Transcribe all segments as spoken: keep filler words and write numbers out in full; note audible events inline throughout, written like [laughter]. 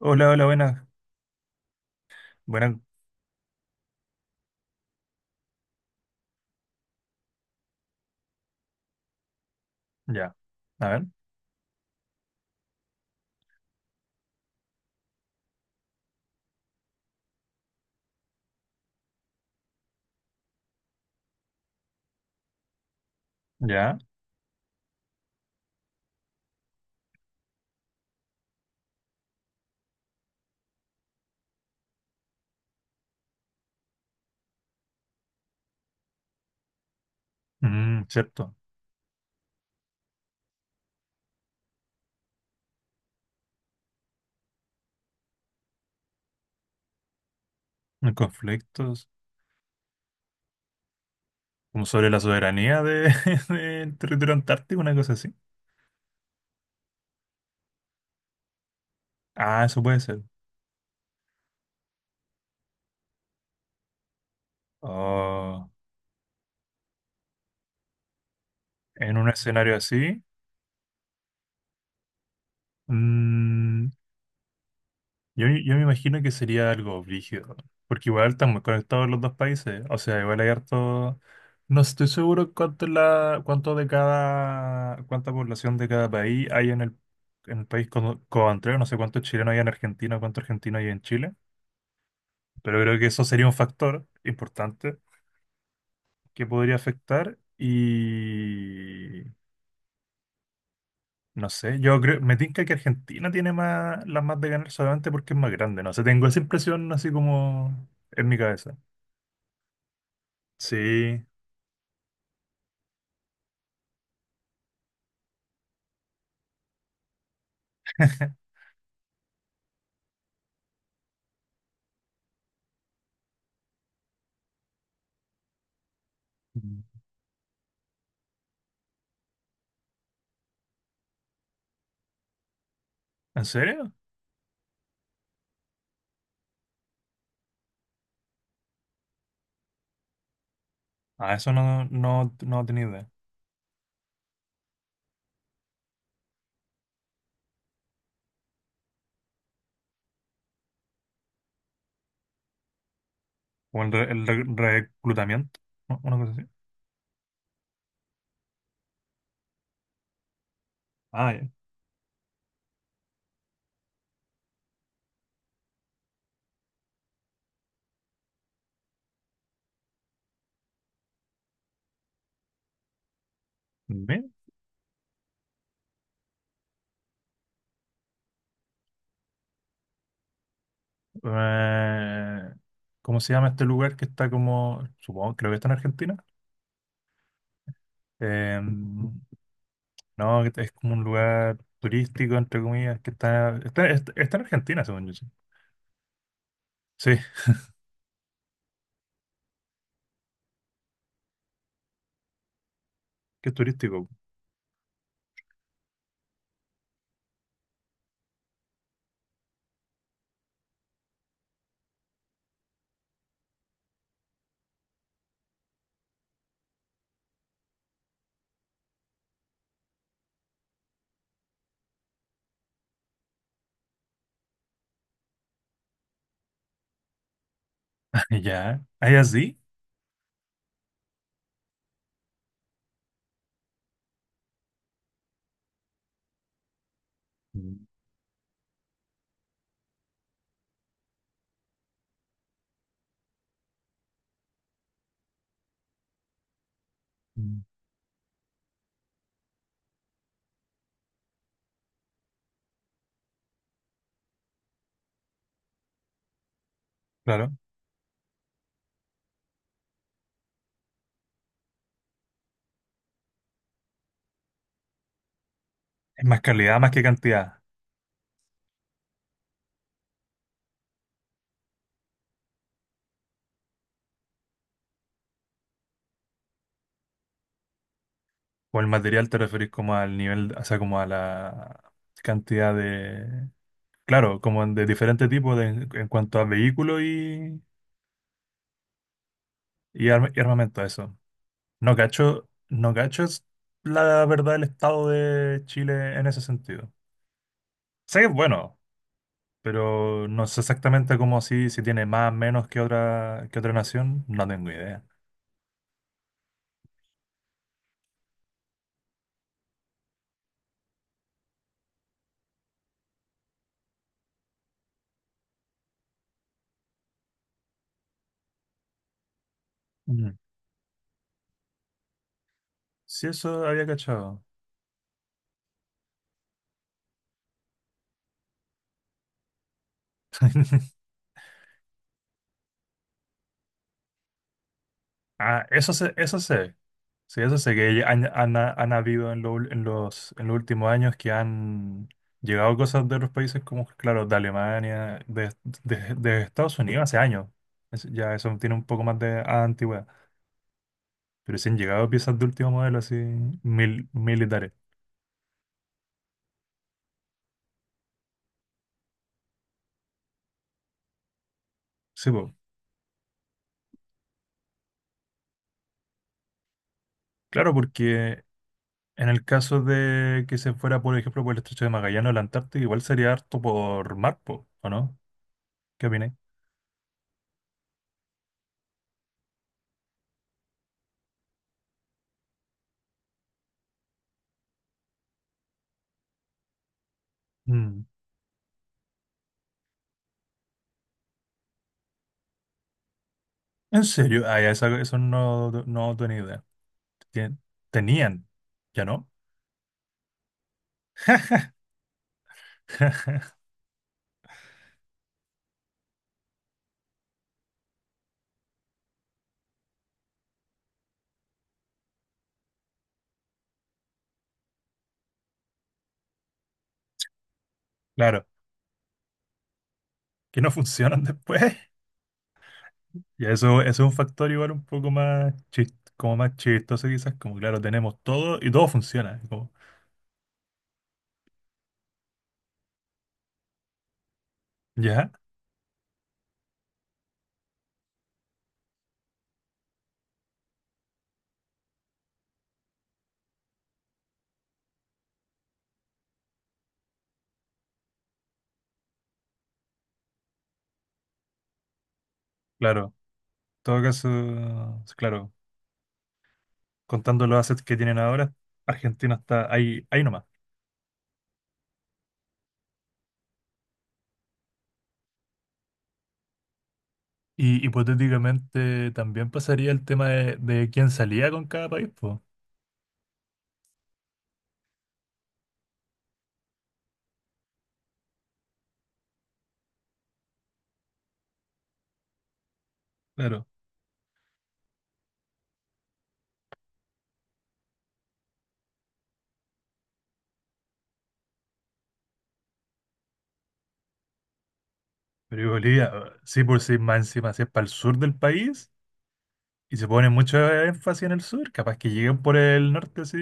Hola, hola, buenas. Buenas, ya. A ver, ya. Mm, cierto. Conflictos. Como sobre la soberanía de, [laughs] del territorio antártico, una cosa así. Ah, eso puede ser. Oh, en un escenario así. mm, Yo, me- yo me imagino que sería algo brígido, porque igual están muy conectados los dos países, o sea, igual hay harto... No estoy seguro cuánto, es la, cuánto de cada, cuánta población de cada país hay en el, en el país co- coantrero, no sé cuántos chilenos hay en Argentina, cuántos argentinos hay en Chile, pero creo que eso sería un factor importante que podría afectar y... No sé, yo creo, me tinca que Argentina tiene más, las más de ganar solamente porque es más grande, no sé, tengo esa impresión así como en mi cabeza. Sí. Mm. ¿En serio? Ah, eso no, no, no tenía idea. O el, re- el re- reclutamiento, ¿no? Una cosa así. Ah, ya. Ve, eh, ¿cómo se llama este lugar que está como, supongo, creo que está en Argentina? Eh, no, que es como un lugar turístico, entre comillas, que está, está, está- está en Argentina, según yo. Sí. Sí, que es turístico. [laughs] Ya, ¿hay sí. Mm. Claro, es más calidad más que cantidad. Con el material te referís como al nivel, o sea, como a la cantidad de, claro, como de diferentes tipos de- en cuanto a vehículos y, y, arma- y armamento, eso. No cacho, no cacho es la verdad el estado de Chile en ese sentido. Sé que es bueno, pero no sé exactamente cómo si, si tiene más o menos que otra, que otra nación, no tengo idea. Mm. Sí, eso había cachado. [laughs] Ah, eso sé, eso sé. Sí, eso sé que han, han, han habido en, lo- en los, en los últimos años que han llegado cosas de otros países como, claro, de Alemania, de, de- de Estados Unidos hace años. Es- ya eso tiene un poco más de antigüedad. Pero sí han llegado piezas de último modelo así mil, militares. Sí, po. Claro, porque en el caso de que se fuera, por ejemplo, por el estrecho de Magallanes o la Antártica, igual sería harto por mar, po, ¿o no? ¿Qué opináis? Mm. ¿En serio? Ah, ya, esa- eso no, no tenía idea. Tien- tenían, ya no. [laughs] Claro, que no funcionan después. Y eso, eso es un factor igual un poco más chis- como más chistoso quizás, como claro, tenemos todo y todo funciona. Como, ya, claro. En todo caso, claro, contando los assets que tienen ahora, Argentina está ahí, ahí nomás. Y hipotéticamente también pasaría el tema de, de quién salía con cada país, pues. Claro. Pero y Bolivia, sí, por sí, más encima, si es para el sur del país. Y se pone mucho énfasis en el sur, capaz que lleguen por el norte así.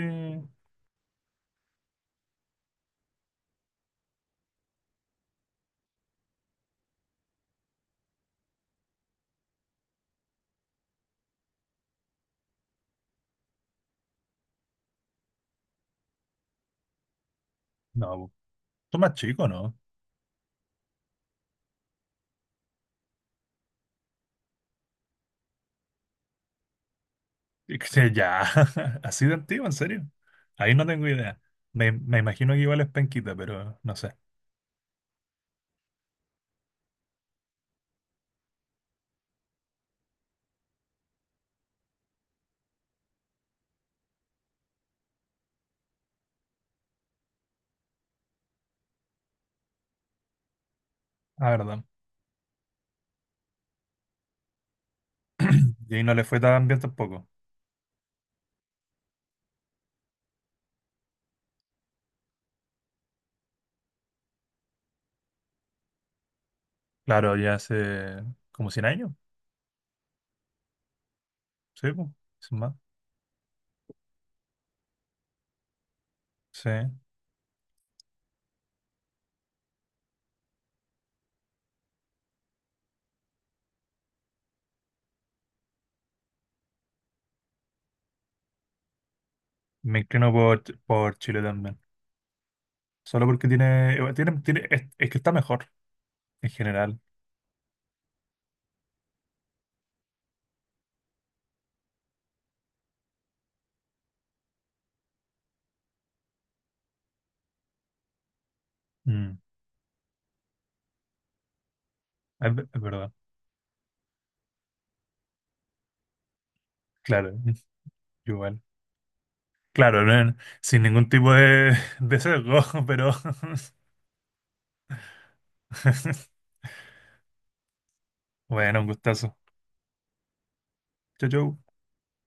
No, son más chicos, ¿no? Y que se- ya, [laughs] así de antiguo, en serio. Ahí no tengo idea. Me, me imagino que igual es penquita, pero no sé. La verdad. Y ahí no le fue tan bien tampoco. Claro, ya hace como cien años, sí, po, sin más. Sí. Me inclino por, Ch- por Chile también. Solo porque tiene, eh, tiene, tiene- es, es que está mejor en general. Mm, es, ve- es verdad. Claro, [laughs] igual. Claro, no- sin ningún tipo de, de sesgo, [laughs] pero [laughs] bueno, un gustazo. Chau, chau.